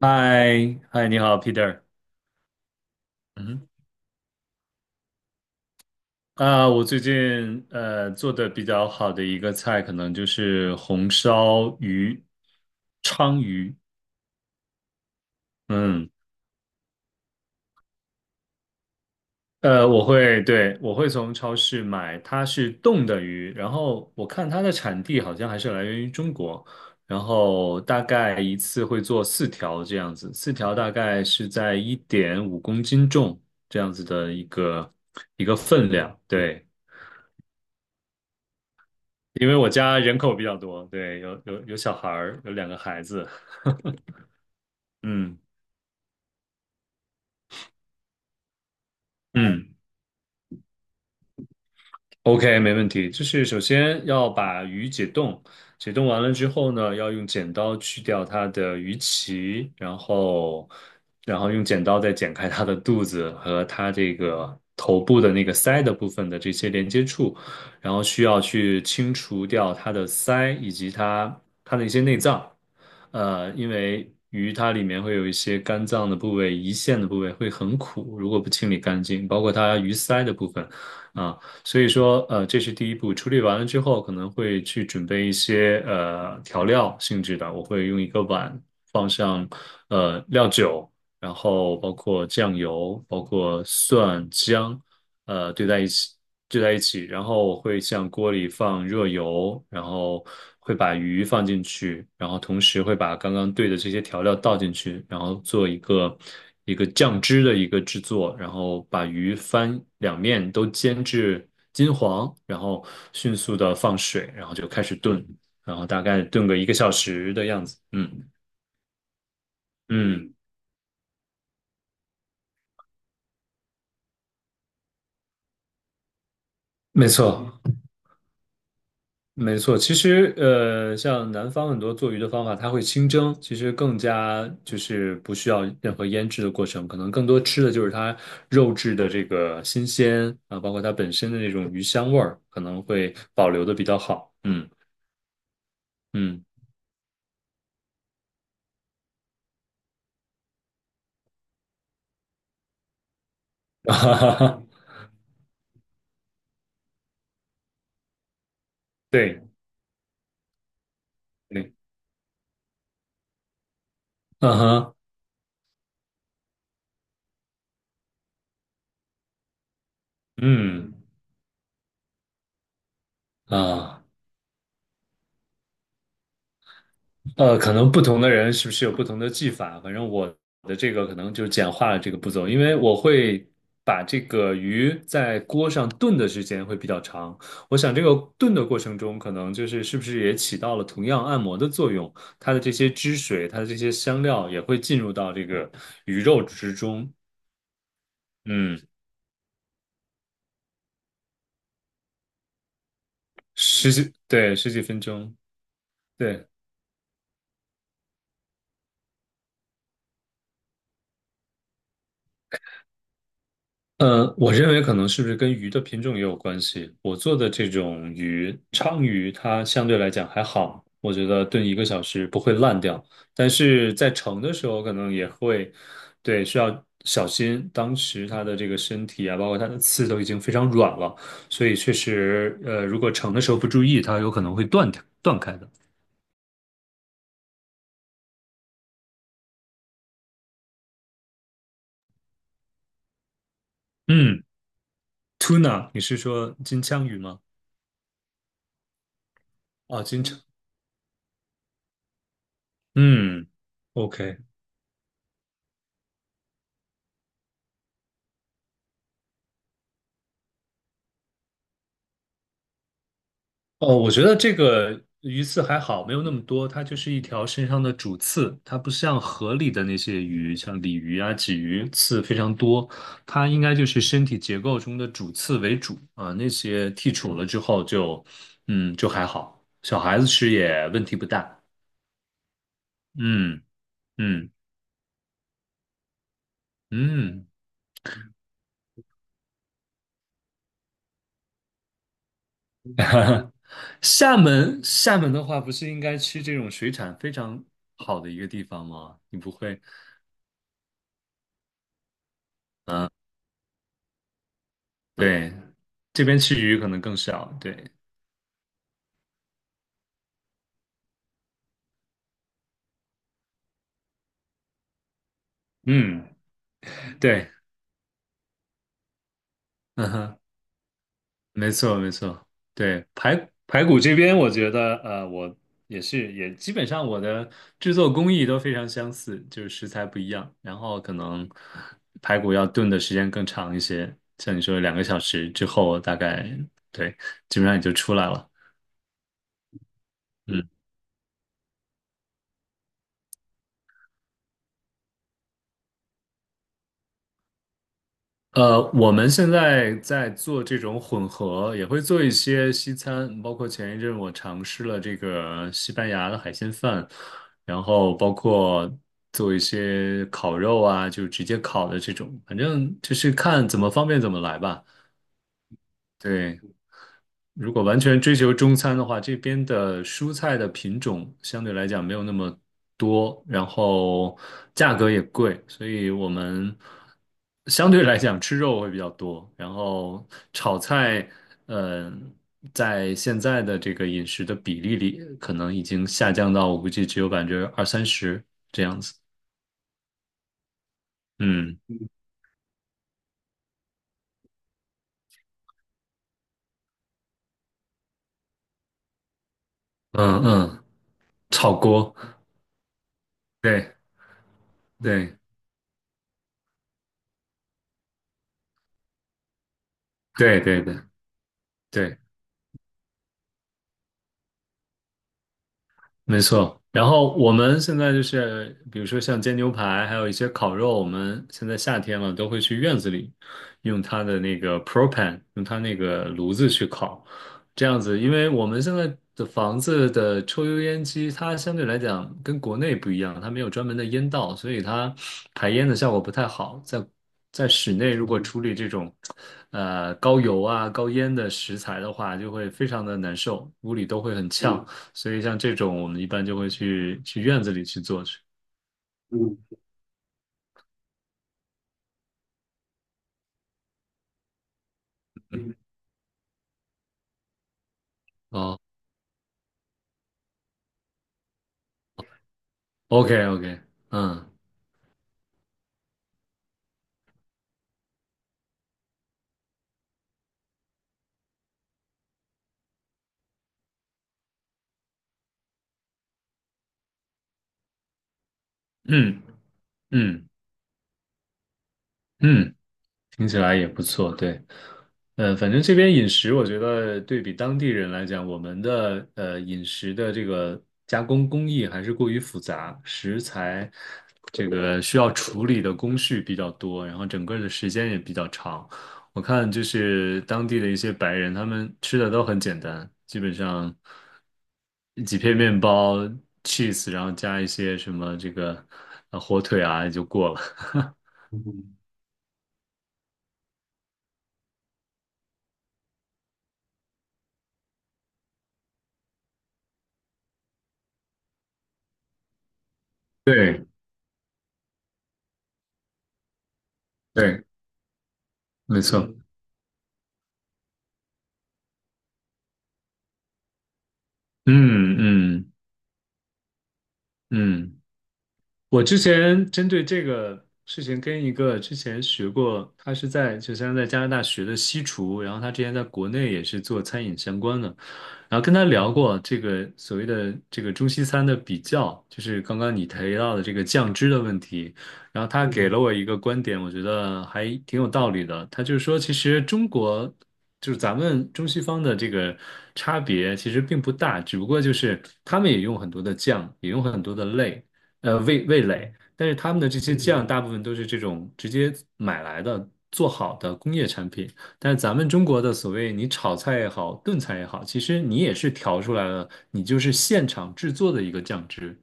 嗨，嗨，你好，Peter。嗯哼啊，我最近做的比较好的一个菜，可能就是红烧鱼、鲳鱼。嗯，对，我会从超市买，它是冻的鱼，然后我看它的产地好像还是来源于中国，然后大概一次会做四条这样子，四条大概是在1.5公斤重这样子的一个分量，对。因为我家人口比较多，对，有小孩儿，有2个孩子，嗯嗯，OK，没问题。就是首先要把鱼解冻，解冻完了之后呢，要用剪刀去掉它的鱼鳍，然后用剪刀再剪开它的肚子和它这个头部的那个鳃的部分的这些连接处，然后需要去清除掉它的鳃以及它的一些内脏。因为鱼它里面会有一些肝脏的部位、胰腺的部位会很苦，如果不清理干净，包括它鱼鳃的部分。啊。所以说，这是第一步。处理完了之后，可能会去准备一些调料性质的，我会用一个碗放上料酒，然后包括酱油，包括蒜姜，对在一起，对在一起，然后我会向锅里放热油，然后会把鱼放进去，然后同时会把刚刚兑的这些调料倒进去，然后做一个酱汁的一个制作，然后把鱼翻两面都煎至金黄，然后迅速的放水，然后就开始炖，然后大概炖个一个小时的样子。嗯嗯，没错。没错，其实像南方很多做鱼的方法，它会清蒸，其实更加就是不需要任何腌制的过程，可能更多吃的就是它肉质的这个新鲜啊，包括它本身的那种鱼香味儿，可能会保留的比较好。嗯嗯，哈哈哈，对对，嗯哼，嗯啊。可能不同的人是不是有不同的技法？反正我的这个可能就简化了这个步骤，因为我会把这个鱼在锅上炖的时间会比较长。我想这个炖的过程中，可能就是是不是也起到了同样按摩的作用？它的这些汁水，它的这些香料也会进入到这个鱼肉之中。嗯，十几，对，十几分钟，对。我认为可能是不是跟鱼的品种也有关系。我做的这种鱼，鲳鱼，它相对来讲还好，我觉得炖一个小时不会烂掉。但是在盛的时候，可能也会，对，需要小心。当时它的这个身体啊，包括它的刺都已经非常软了，所以确实，如果盛的时候不注意，它有可能会断掉、断开的。嗯，tuna，你是说金枪鱼吗？啊，金枪，嗯，OK。哦，我觉得这个鱼刺还好，没有那么多，它就是一条身上的主刺，它不像河里的那些鱼，像鲤鱼啊、鲫鱼，刺非常多，它应该就是身体结构中的主刺为主啊，那些剔除了之后就，就还好，小孩子吃也问题不大，嗯嗯嗯。厦门，厦门的话，不是应该吃这种水产非常好的一个地方吗？你不会？啊对，这边吃鱼可能更少。对，嗯，对，嗯哼，没错，没错。对，排骨这边，我觉得，我也是，也基本上我的制作工艺都非常相似，就是食材不一样，然后可能排骨要炖的时间更长一些，像你说2个小时之后，大概对，基本上也就出来了。嗯。我们现在在做这种混合，也会做一些西餐，包括前一阵我尝试了这个西班牙的海鲜饭，然后包括做一些烤肉啊，就直接烤的这种，反正就是看怎么方便怎么来吧。对。如果完全追求中餐的话，这边的蔬菜的品种相对来讲没有那么多，然后价格也贵，所以我们相对来讲吃肉会比较多。然后炒菜，嗯、在现在的这个饮食的比例里，可能已经下降到我估计只有20%到30%。嗯嗯嗯，炒锅，对对对对对对。没错，然后我们现在就是，比如说像煎牛排，还有一些烤肉，我们现在夏天了，都会去院子里用它的那个 propane，用它那个炉子去烤，这样子，因为我们现在的房子的抽油烟机，它相对来讲跟国内不一样，它没有专门的烟道，所以它排烟的效果不太好。在室内，如果处理这种高油啊、高烟的食材的话，就会非常的难受，屋里都会很呛。所以像这种我们一般就会去院子里去做去。嗯，哦，OK OK，嗯嗯嗯嗯，听起来也不错，对。反正这边饮食，我觉得对比当地人来讲，我们的饮食的这个加工工艺还是过于复杂，食材这个需要处理的工序比较多，然后整个的时间也比较长。我看就是当地的一些白人，他们吃的都很简单，基本上几片面包、cheese，然后加一些什么这个火腿啊就过了。对对，没错。嗯嗯。嗯，我之前针对这个事情跟一个之前学过，他是在就像在加拿大学的西厨，然后他之前在国内也是做餐饮相关的，然后跟他聊过这个所谓的这个中西餐的比较，就是刚刚你提到的这个酱汁的问题，然后他给了我一个观点，我觉得还挺有道理的，他就是说其实中国就是咱们中西方的这个差别其实并不大，只不过就是他们也用很多的酱，也用很多的类。味蕾，但是他们的这些酱大部分都是这种直接买来的做好的工业产品，但是咱们中国的所谓你炒菜也好，炖菜也好，其实你也是调出来了，你就是现场制作的一个酱汁，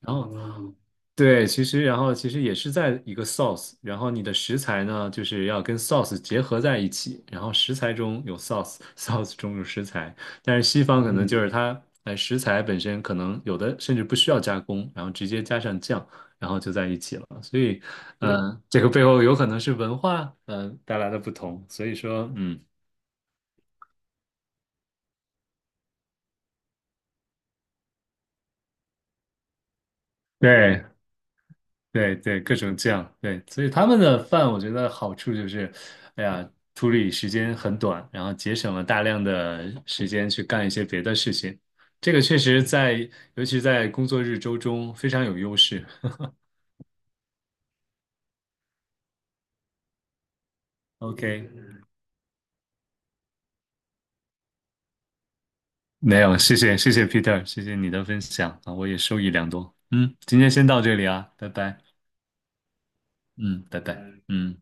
然后呢，对，其实也是在一个 sauce，然后你的食材呢，就是要跟 sauce 结合在一起，然后食材中有 sauce，sauce 中有食材，但是西方可能就是它，哎，食材本身可能有的甚至不需要加工，然后直接加上酱，然后就在一起了，所以，这个背后有可能是文化，带来的不同，所以说，对，对对，各种酱，对，所以他们的饭我觉得好处就是，哎呀，处理时间很短，然后节省了大量的时间去干一些别的事情，这个确实在，尤其在工作日周中非常有优势。OK，没有，谢谢谢谢 Peter，谢谢你的分享啊，我也受益良多。嗯，今天先到这里啊，拜拜。嗯，拜拜。嗯。